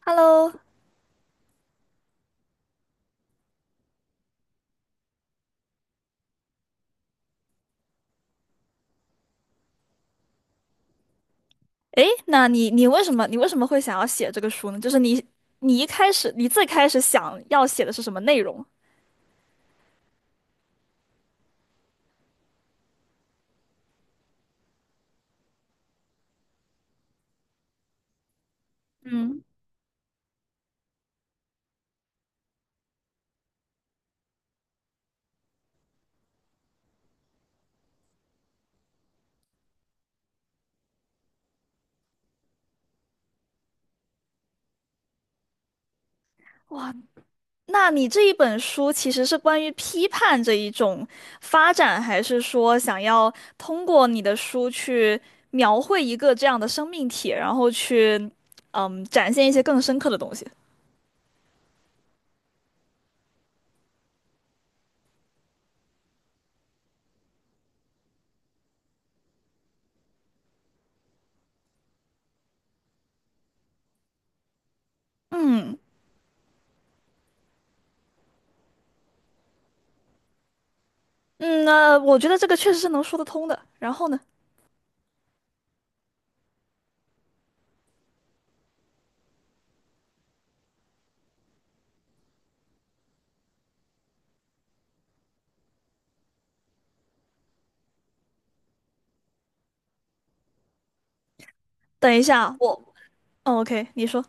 Hello。那你为什么你为什么会想要写这个书呢？就是你一开始最开始想要写的是什么内容？嗯，那你这一本书其实是关于批判这一种发展，还是说想要通过你的书去描绘一个这样的生命体，然后去展现一些更深刻的东西？嗯嗯，那我觉得这个确实是能说得通的。然后呢，等一下，我，哦，OK,你说。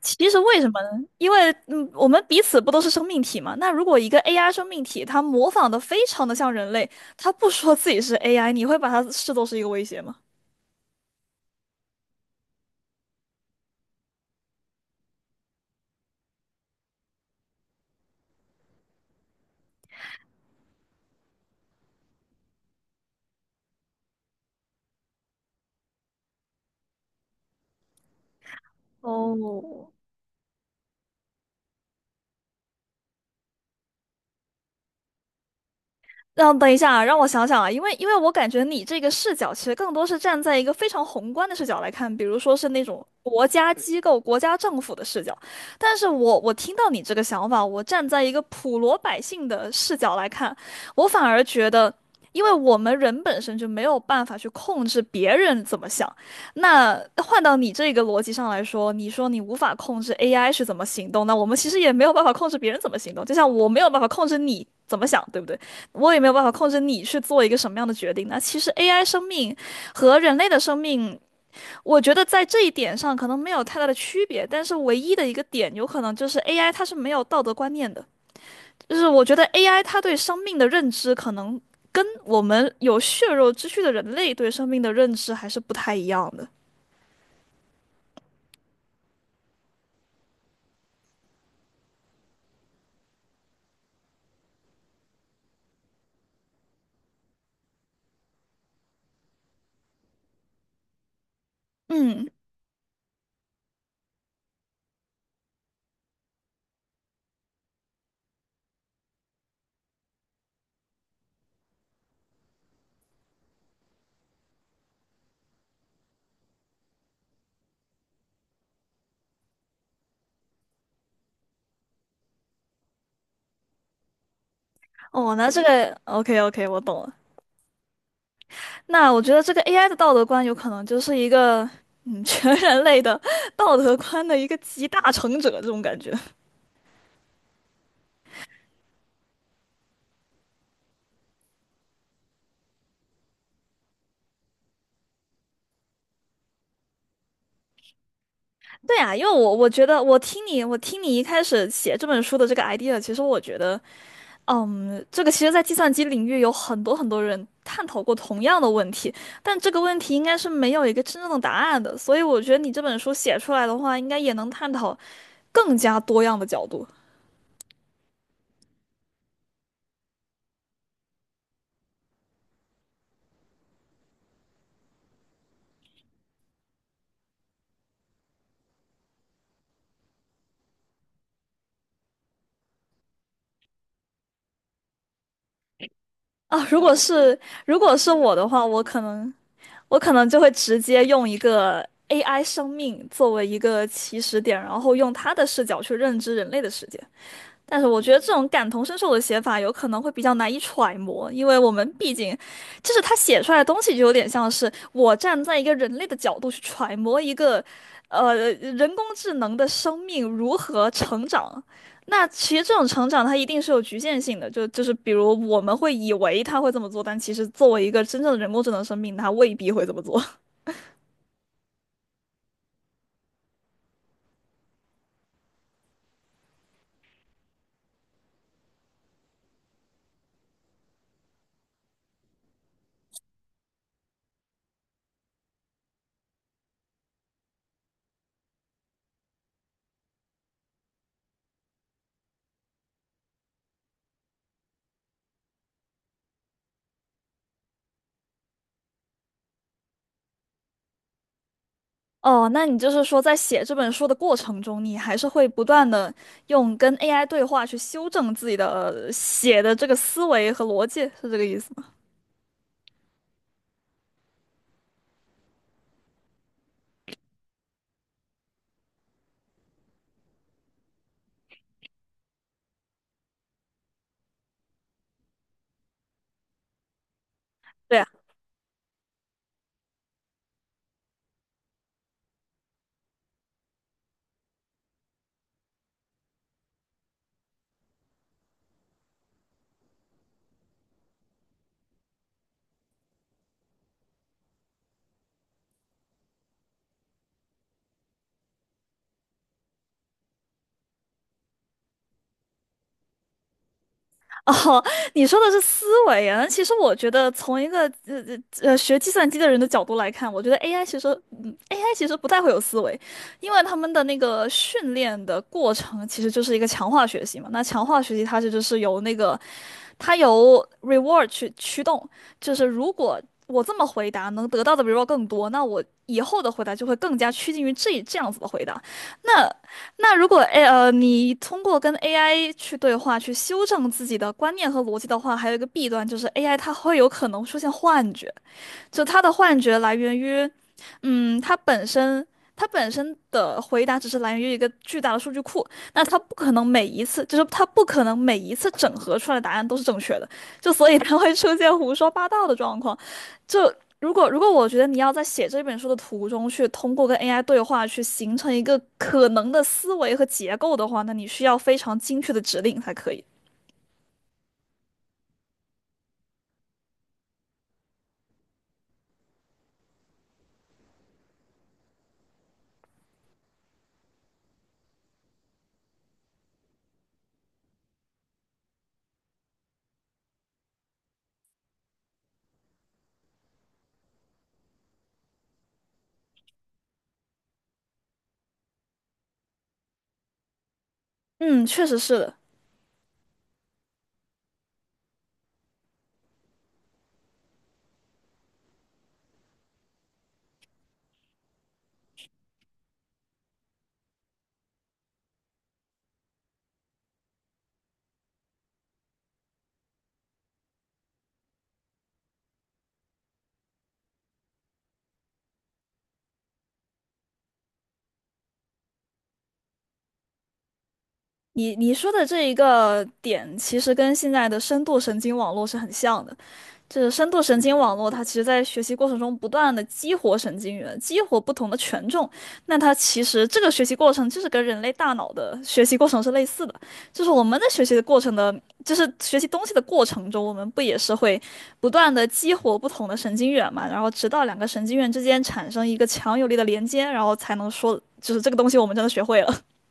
其实为什么呢？因为我们彼此不都是生命体嘛？那如果一个 AI 生命体，它模仿的非常的像人类，它不说自己是 AI,你会把它视作是一个威胁吗？哦，让等一下啊，让我想想啊，因为我感觉你这个视角其实更多是站在一个非常宏观的视角来看，比如说是那种国家机构、国家政府的视角。但是我听到你这个想法，我站在一个普罗百姓的视角来看，我反而觉得，因为我们人本身就没有办法去控制别人怎么想。那换到你这个逻辑上来说，你说你无法控制 AI 是怎么行动，那我们其实也没有办法控制别人怎么行动，就像我没有办法控制你怎么想，对不对？我也没有办法控制你去做一个什么样的决定，那其实 AI 生命和人类的生命，我觉得在这一点上可能没有太大的区别，但是唯一的一个点，有可能就是 AI 它是没有道德观念的，就是我觉得 AI 它对生命的认知可能跟我们有血肉之躯的人类对生命的认知还是不太一样的。嗯，哦，那这个 OK OK,我懂了。那我觉得这个 AI 的道德观有可能就是一个全人类的道德观的一个集大成者这种感觉。对啊，因为我觉得我听你一开始写这本书的这个 idea,其实我觉得这个其实在计算机领域有很多人探讨过同样的问题，但这个问题应该是没有一个真正的答案的，所以我觉得你这本书写出来的话，应该也能探讨更加多样的角度。啊，如果是我的话，我可能就会直接用一个 AI 生命作为一个起始点，然后用它的视角去认知人类的世界。但是我觉得这种感同身受的写法有可能会比较难以揣摩，因为我们毕竟，就是他写出来的东西就有点像是我站在一个人类的角度去揣摩一个，人工智能的生命如何成长。那其实这种成长它一定是有局限性的，就是比如我们会以为它会这么做，但其实作为一个真正的人工智能生命，它未必会这么做。哦，那你就是说，在写这本书的过程中，你还是会不断的用跟 AI 对话去修正自己的写的这个思维和逻辑，是这个意思吗？对啊，哦，你说的是思维啊。那其实我觉得，从一个学计算机的人的角度来看，我觉得 AI 其实，嗯，AI 其实不太会有思维，因为他们的那个训练的过程其实就是一个强化学习嘛。那强化学习它其实是由那个它由 reward 去驱动，就是如果我这么回答能得到的 reward 更多，那我以后的回答就会更加趋近于这样子的回答。那那如果你通过跟 AI 去对话去修正自己的观念和逻辑的话，还有一个弊端就是 AI 它会有可能出现幻觉，就他的幻觉来源于，嗯，他本身的回答只是来源于一个巨大的数据库，那他不可能每一次，就是他不可能每一次整合出来的答案都是正确的，就所以他会出现胡说八道的状况。就如果我觉得你要在写这本书的途中去通过跟 AI 对话去形成一个可能的思维和结构的话，那你需要非常精确的指令才可以。嗯，确实是的。你说的这一个点，其实跟现在的深度神经网络是很像的。就是深度神经网络，它其实在学习过程中不断的激活神经元，激活不同的权重。那它其实这个学习过程就是跟人类大脑的学习过程是类似的，就是我们在学习的过程的，就是学习东西的过程中，我们不也是会不断的激活不同的神经元嘛？然后直到两个神经元之间产生一个强有力的连接，然后才能说，就是这个东西我们真的学会了。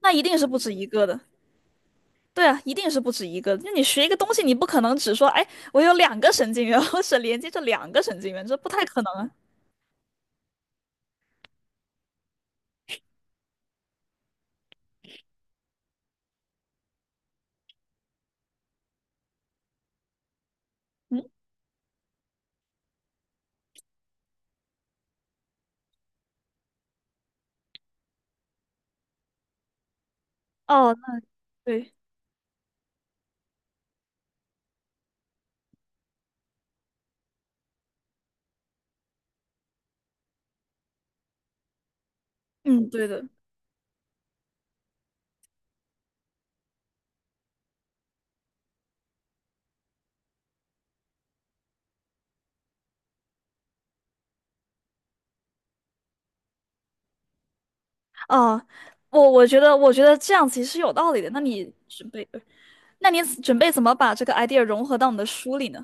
那一定是不止一个的。对啊，一定是不止一个。那你学一个东西，你不可能只说，哎，我有两个神经元，我只连接着两个神经元，这不太可能啊。哦，那对，嗯，对的。哦，我觉得，我觉得这样其实有道理的。那你准备，那你准备怎么把这个 idea 融合到你的书里呢？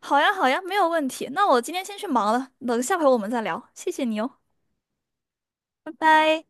好呀，好呀，没有问题。那我今天先去忙了，等下回我们再聊。谢谢你哦，拜拜。